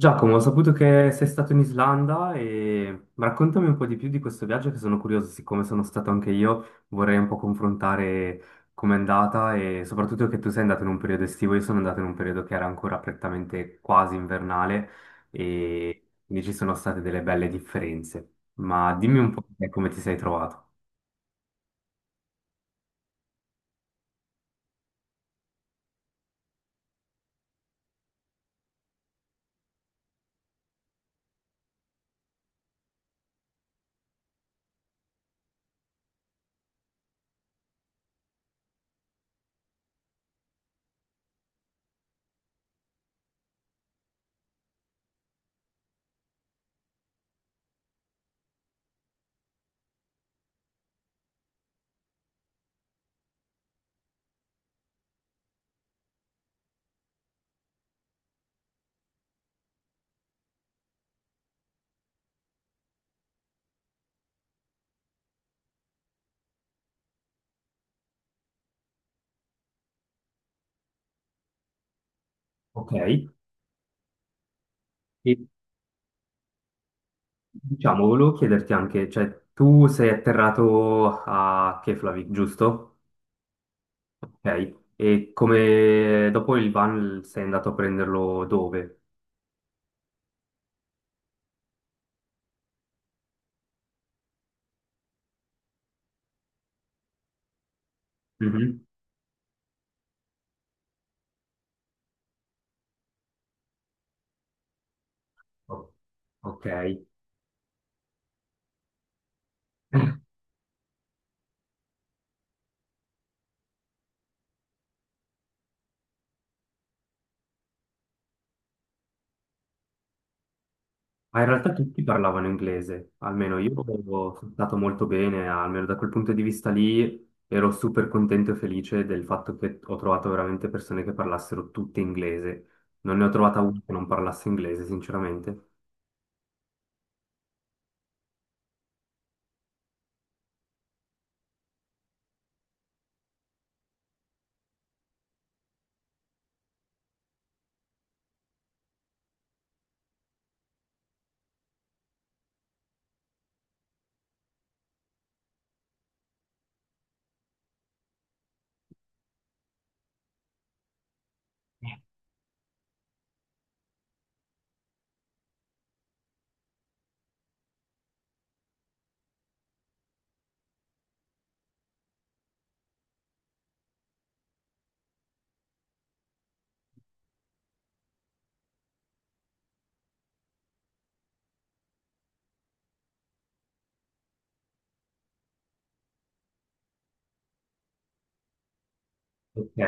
Giacomo, ho saputo che sei stato in Islanda e ma raccontami un po' di più di questo viaggio che sono curioso, siccome sono stato anche io, vorrei un po' confrontare com'è andata e soprattutto che tu sei andato in un periodo estivo, io sono andato in un periodo che era ancora prettamente quasi invernale e quindi ci sono state delle belle differenze. Ma dimmi un po' te come ti sei trovato. Ok, e diciamo, volevo chiederti anche, cioè tu sei atterrato a Keflavik, giusto? Ok, e come dopo il van sei andato a prenderlo dove? Mhm. O- Ok. Ma in realtà tutti parlavano inglese, almeno io sono stato molto bene, almeno da quel punto di vista lì ero super contento e felice del fatto che ho trovato veramente persone che parlassero tutte inglese. Non ne ho trovata una che non parlasse inglese, sinceramente. Ok.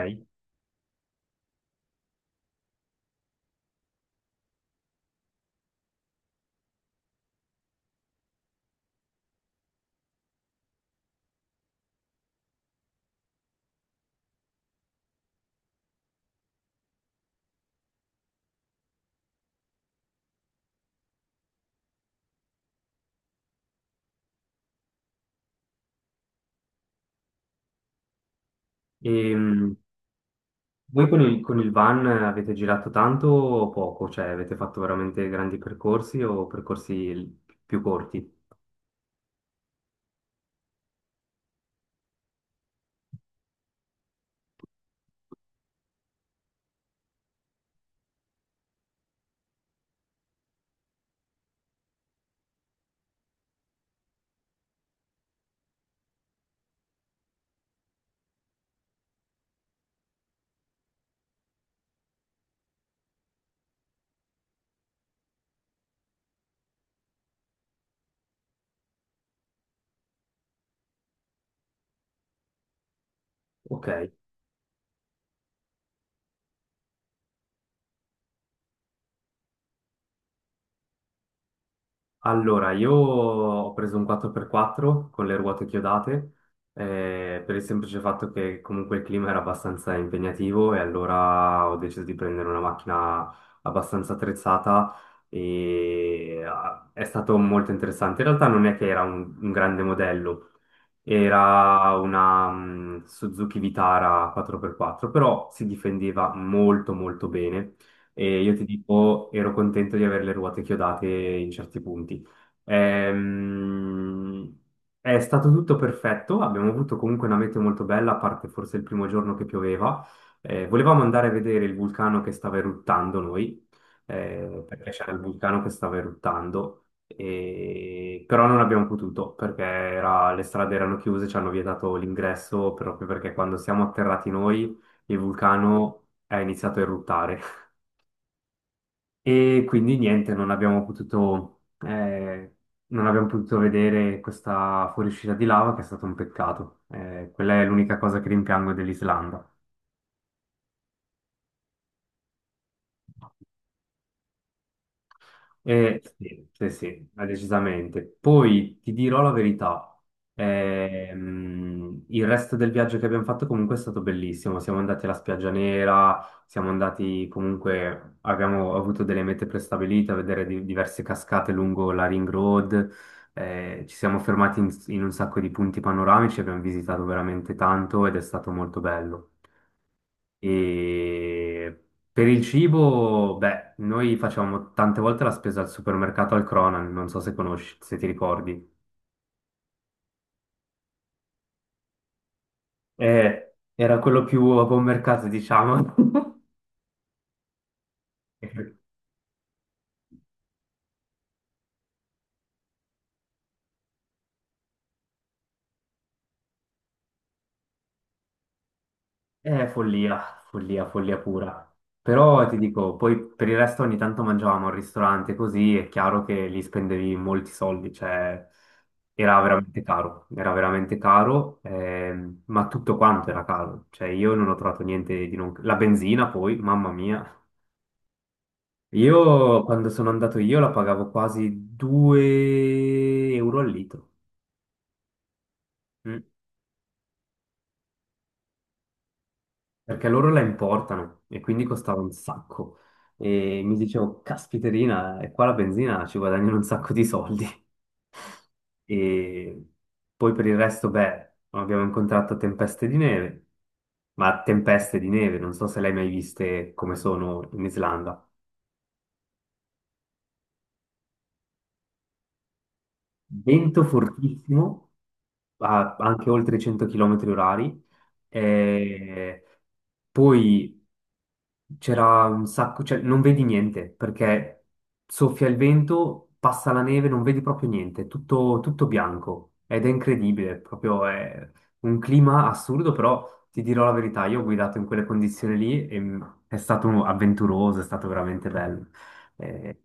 E, Voi con il van avete girato tanto o poco? Cioè avete fatto veramente grandi percorsi o percorsi più corti? Ok, allora io ho preso un 4x4 con le ruote chiodate per il semplice fatto che comunque il clima era abbastanza impegnativo e allora ho deciso di prendere una macchina abbastanza attrezzata e è stato molto interessante. In realtà non è che era un grande modello. Era una Suzuki Vitara 4x4, però si difendeva molto molto bene e io ti dico, ero contento di avere le ruote chiodate in certi punti. Ehm, è stato tutto perfetto, abbiamo avuto comunque una meteo molto bella, a parte forse il primo giorno che pioveva. Volevamo andare a vedere il vulcano che stava eruttando noi, perché c'era il vulcano che stava eruttando però non abbiamo potuto perché le strade erano chiuse, ci hanno vietato l'ingresso proprio perché quando siamo atterrati noi il vulcano è iniziato a eruttare. E quindi niente, non abbiamo potuto vedere questa fuoriuscita di lava, che è stato un peccato. Quella è l'unica cosa che rimpiango dell'Islanda. Sì, sì, sì, ma decisamente. Poi ti dirò la verità, il resto del viaggio che abbiamo fatto comunque è stato bellissimo. Siamo andati alla Spiaggia Nera, siamo andati comunque, abbiamo avuto delle mete prestabilite a vedere diverse cascate lungo la Ring Road, ci siamo fermati in un sacco di punti panoramici, abbiamo visitato veramente tanto ed è stato molto bello. E per il cibo, beh, noi facciamo tante volte la spesa al supermercato al Cronan, non so se conosci, se ti ricordi. Era quello più a buon mercato, diciamo. È follia, follia, follia pura. Però ti dico, poi per il resto ogni tanto mangiavamo al ristorante, così è chiaro che lì spendevi molti soldi, cioè era veramente caro, ma tutto quanto era caro, cioè io non ho trovato niente di non... La benzina poi, mamma mia. Io quando sono andato io la pagavo quasi 2 euro al litro. Mm. Perché loro la importano e quindi costava un sacco. E mi dicevo, caspiterina, e qua la benzina ci guadagnano un sacco di soldi. E poi per il resto, beh, abbiamo incontrato tempeste di neve, ma tempeste di neve, non so se le hai mai viste come sono in Islanda. Vento fortissimo, anche oltre i 100 km orari, e poi c'era un sacco, cioè non vedi niente perché soffia il vento, passa la neve, non vedi proprio niente, tutto, tutto bianco ed è incredibile, proprio è un clima assurdo, però ti dirò la verità, io ho guidato in quelle condizioni lì e è stato avventuroso, è stato veramente bello. Eh,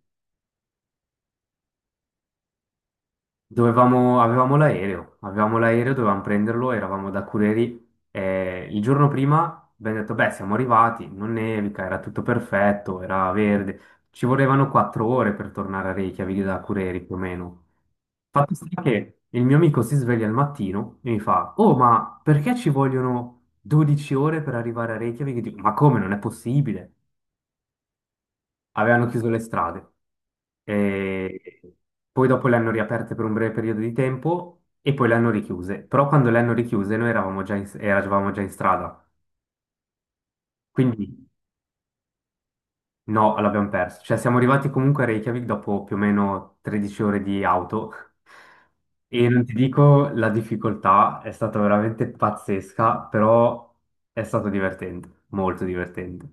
Dovevamo, avevamo l'aereo, dovevamo prenderlo, eravamo da Cureri. Il giorno prima abbiamo detto, beh, siamo arrivati, non nevica, era tutto perfetto, era verde. Ci volevano 4 ore per tornare a Reykjavik da Cureri, più o meno. Fatto sta che il mio amico si sveglia al mattino e mi fa, oh, ma perché ci vogliono 12 ore per arrivare a Reykjavik? Dico, ma come, non è possibile, avevano chiuso le strade. E poi dopo le hanno riaperte per un breve periodo di tempo e poi le hanno richiuse. Però quando le hanno richiuse noi eravamo già in strada. Quindi no, l'abbiamo perso. Cioè siamo arrivati comunque a Reykjavik dopo più o meno 13 ore di auto. E non ti dico, la difficoltà è stata veramente pazzesca, però è stato divertente, molto divertente.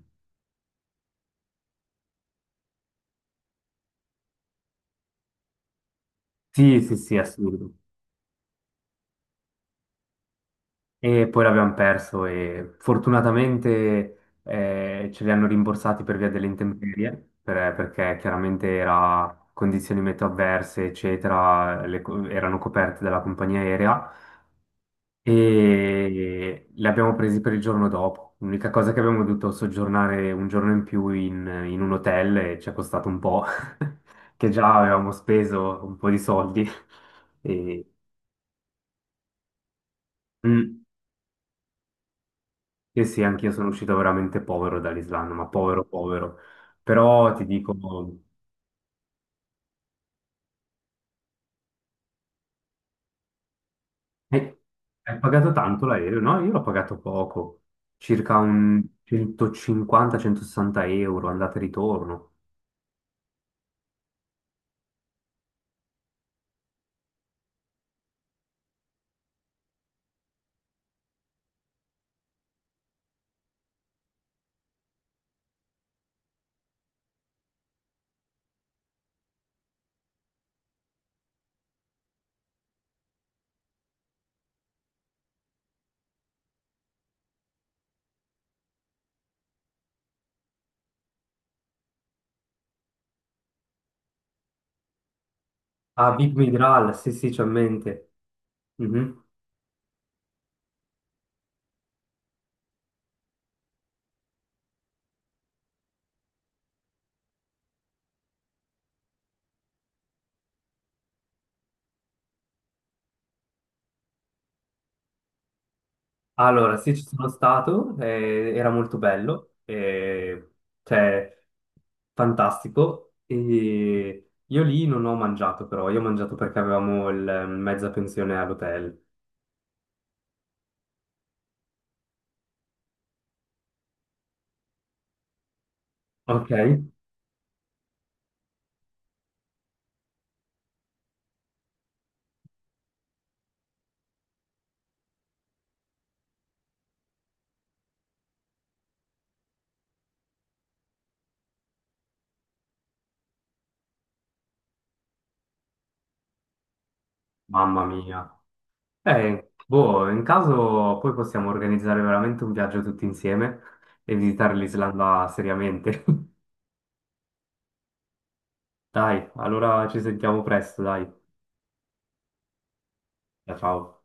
Sì, sì, sì, assurdo. E poi l'abbiamo perso e fortunatamente ce li hanno rimborsati per via delle intemperie, perché chiaramente era condizioni meteo avverse, eccetera, erano coperte dalla compagnia aerea e li abbiamo presi per il giorno dopo. L'unica cosa è che abbiamo dovuto soggiornare un giorno in più in un hotel e ci è costato un po', che già avevamo speso un po' di soldi. E- Mm. Sì, sì, anch'io sono uscito veramente povero dall'Islanda, ma povero, povero. Però ti dico, eh, hai pagato tanto l'aereo? No, io l'ho pagato poco, circa un 150-160 euro, andata e ritorno. A Big Migral, sì, sì, c'ho in mente. Mhm. Allora, sì, ci sono stato, era molto bello, cioè, fantastico. E io lì non ho mangiato però, io ho mangiato perché avevamo il, mezza pensione all'hotel. Ok. Mamma mia. Boh, in caso poi possiamo organizzare veramente un viaggio tutti insieme e visitare l'Islanda seriamente. Dai, allora ci sentiamo presto, dai. Ciao, ciao.